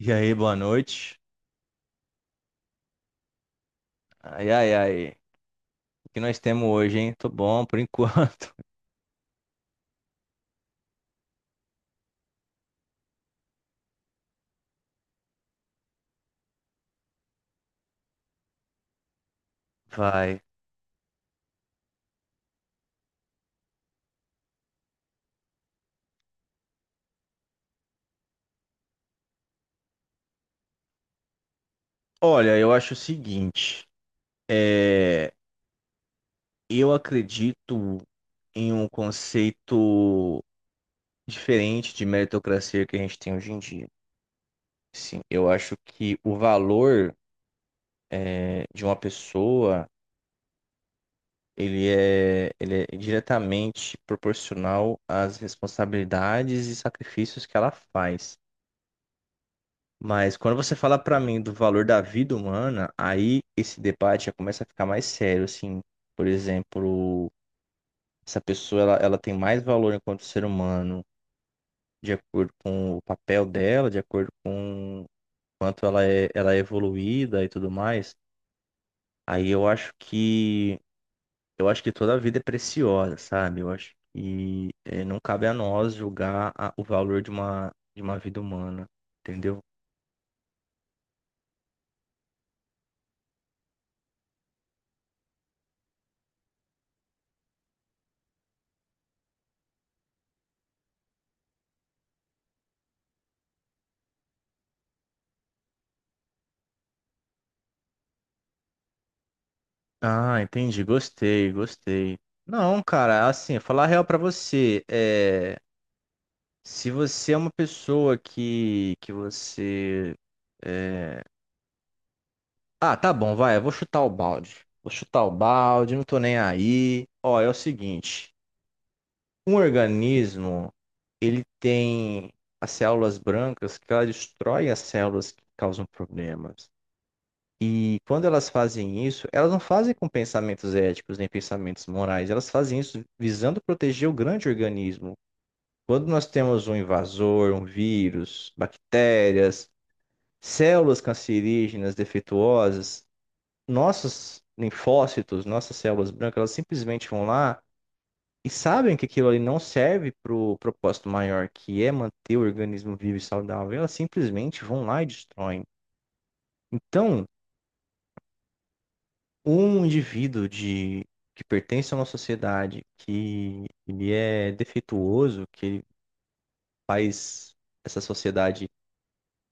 E aí, boa noite. Ai, ai, ai. O que nós temos hoje, hein? Tô bom por enquanto. Vai. Olha, eu acho o seguinte. É... Eu acredito em um conceito diferente de meritocracia que a gente tem hoje em dia. Sim, eu acho que o valor de uma pessoa, ele é diretamente proporcional às responsabilidades e sacrifícios que ela faz. Mas quando você fala pra mim do valor da vida humana, aí esse debate já começa a ficar mais sério, assim. Por exemplo, essa pessoa ela tem mais valor enquanto ser humano, de acordo com o papel dela, de acordo com quanto ela é evoluída e tudo mais. Aí eu acho que toda a vida é preciosa, sabe? Eu acho que não cabe a nós julgar o valor de uma vida humana, entendeu? Ah, entendi. Gostei, gostei. Não, cara, assim, falar a real pra você, se você é uma pessoa que você é, ah, tá bom, vai, eu vou chutar o balde. Vou chutar o balde, não tô nem aí. Ó, é o seguinte, um organismo, ele tem as células brancas que ela destrói as células que causam problemas. E quando elas fazem isso, elas não fazem com pensamentos éticos nem pensamentos morais, elas fazem isso visando proteger o grande organismo. Quando nós temos um invasor, um vírus, bactérias, células cancerígenas defeituosas, nossos linfócitos, nossas células brancas, elas simplesmente vão lá e sabem que aquilo ali não serve para o propósito maior, que é manter o organismo vivo e saudável, elas simplesmente vão lá e destroem. Então, um indivíduo que pertence a uma sociedade que ele é defeituoso, que ele faz essa sociedade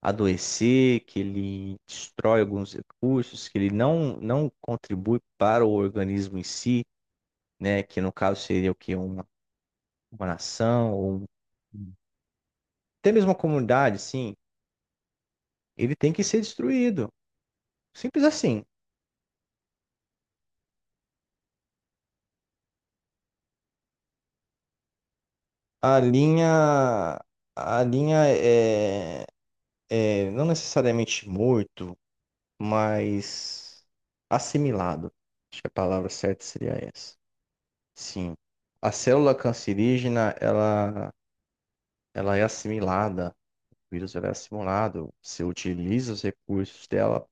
adoecer, que ele destrói alguns recursos, que ele não, não contribui para o organismo em si, né? Que no caso seria o quê? Uma nação, ou um- até mesmo uma comunidade, sim, ele tem que ser destruído. Simples assim. A linha, a linha é não necessariamente morto, mais assimilado. Acho que a palavra certa seria essa. Sim. A célula cancerígena, ela é assimilada, o vírus ela é assimilado, você utiliza os recursos dela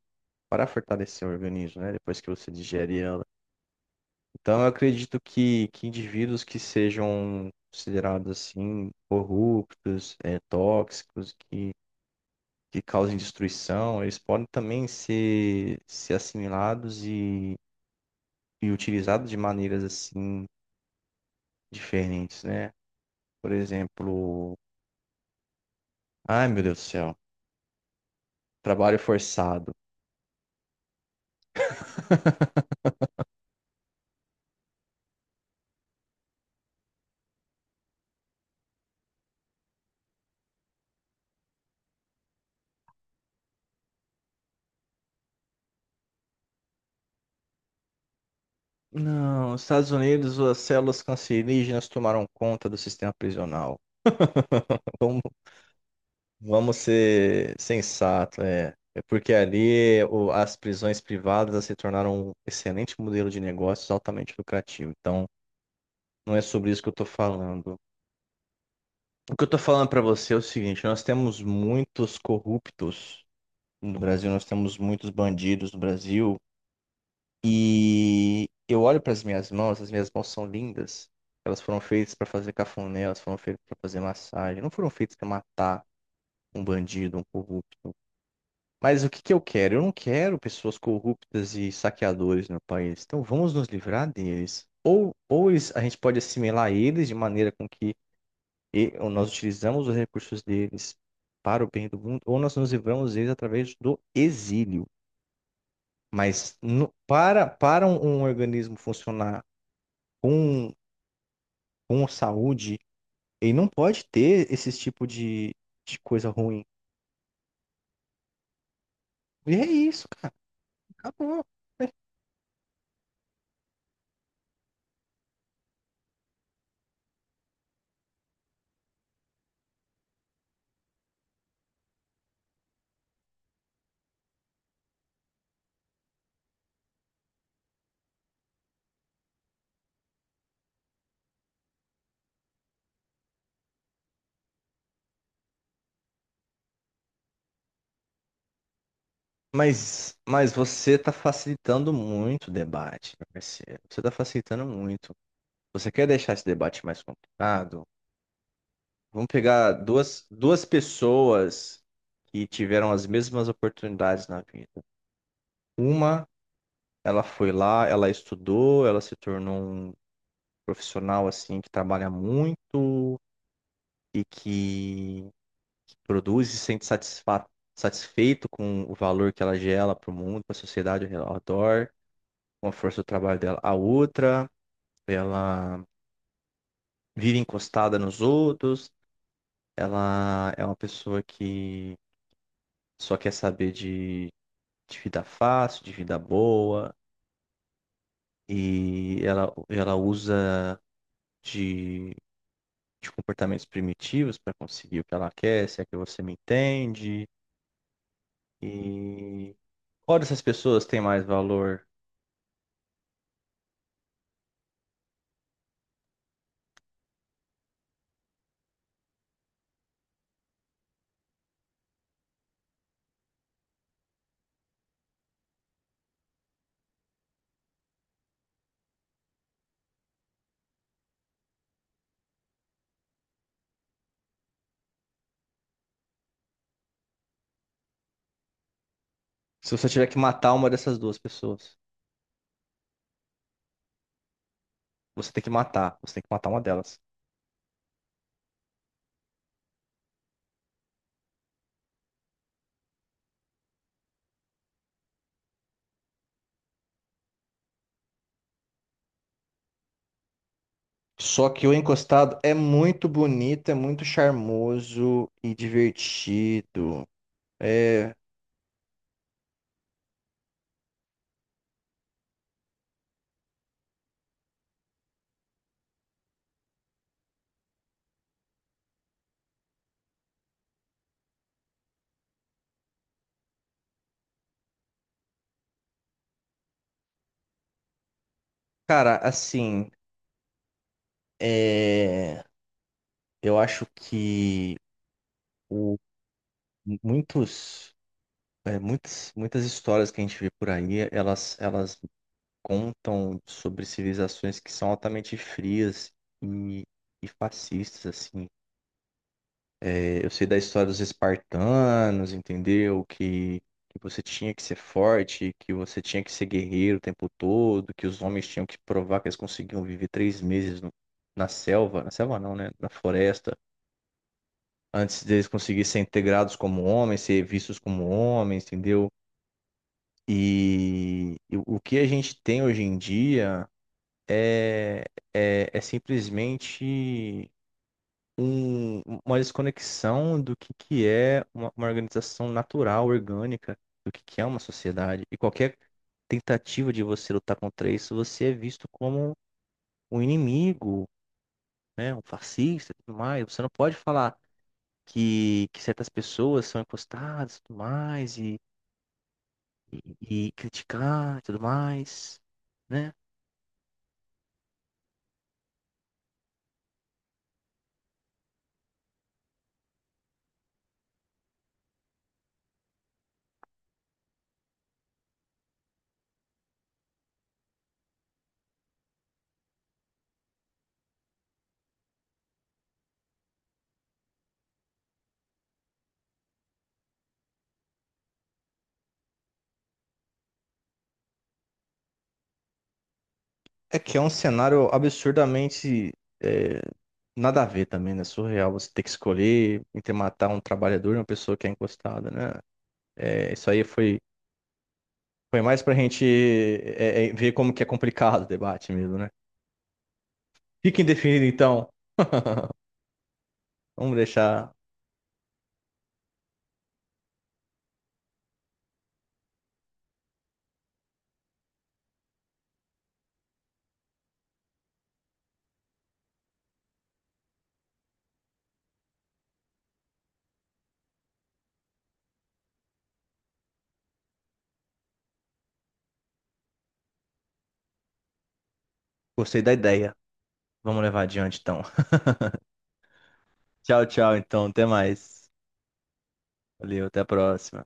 para fortalecer o organismo, né? Depois que você digere ela. Então, eu acredito que indivíduos que sejam considerados assim, corruptos, tóxicos, que causem destruição, eles podem também ser assimilados e utilizado de maneiras assim diferentes, né? Por exemplo, ai meu Deus do céu, trabalho forçado. Não, nos Estados Unidos as células cancerígenas tomaram conta do sistema prisional. Então vamos ser sensatos, é. É porque ali as prisões privadas elas se tornaram um excelente modelo de negócios altamente lucrativo. Então, não é sobre isso que eu estou falando. O que eu estou falando para você é o seguinte: nós temos muitos corruptos no Brasil, nós temos muitos bandidos no Brasil. E eu olho para as minhas mãos são lindas. Elas foram feitas para fazer cafuné, elas foram feitas para fazer massagem, não foram feitas para matar um bandido, um corrupto. Mas o que que eu quero? Eu não quero pessoas corruptas e saqueadores no meu país. Então vamos nos livrar deles. Ou a gente pode assimilar eles de maneira com que ou nós utilizamos os recursos deles para o bem do mundo, ou nós nos livramos deles através do exílio. Mas para um organismo funcionar com, com saúde, ele não pode ter esse tipo de coisa ruim. E é isso, cara. Acabou. Mas você está facilitando muito o debate, meu parceiro. Você está facilitando muito. Você quer deixar esse debate mais complicado? Vamos pegar duas pessoas que tiveram as mesmas oportunidades na vida. Uma, ela foi lá, ela estudou, ela se tornou um profissional assim que trabalha muito e que produz e se sente satisfa satisfeito com o valor que ela gera para o mundo, para a sociedade ao redor, com a força do trabalho dela. A outra, ela vive encostada nos outros, ela é uma pessoa que só quer saber de vida fácil, de vida boa, e ela usa de, de comportamentos primitivos para conseguir o que ela quer, se é que você me entende. E qual dessas pessoas tem mais valor? Se você tiver que matar uma dessas duas pessoas, você tem que matar uma delas. Só que o encostado é muito bonito, é muito charmoso e divertido. É, cara, é, eu acho que o, muitos, muitas histórias que a gente vê por aí, elas contam sobre civilizações que são altamente frias e, e fascistas, assim. É, eu sei da história dos espartanos, entendeu? Que você tinha que ser forte, que você tinha que ser guerreiro o tempo todo, que os homens tinham que provar que eles conseguiam viver três meses na selva não, né? Na floresta, antes deles conseguirem ser integrados como homens, ser vistos como homens, entendeu? E o que a gente tem hoje em dia. é, é simplesmente uma desconexão do que é uma organização natural, orgânica, do que é uma sociedade. E qualquer tentativa de você lutar contra isso, você é visto como um inimigo, né? Um fascista e tudo mais. Você não pode falar que certas pessoas são encostadas e tudo mais, e criticar e tudo mais, né? É que é um cenário absurdamente é, nada a ver também, né? Surreal você ter que escolher entre matar um trabalhador e uma pessoa que é encostada, né? É, isso aí foi, foi mais pra gente ver como que é complicado o debate mesmo, né? Fica indefinido então. Vamos deixar. Gostei da ideia. Vamos levar adiante então. Tchau, tchau então. Até mais. Valeu, até a próxima.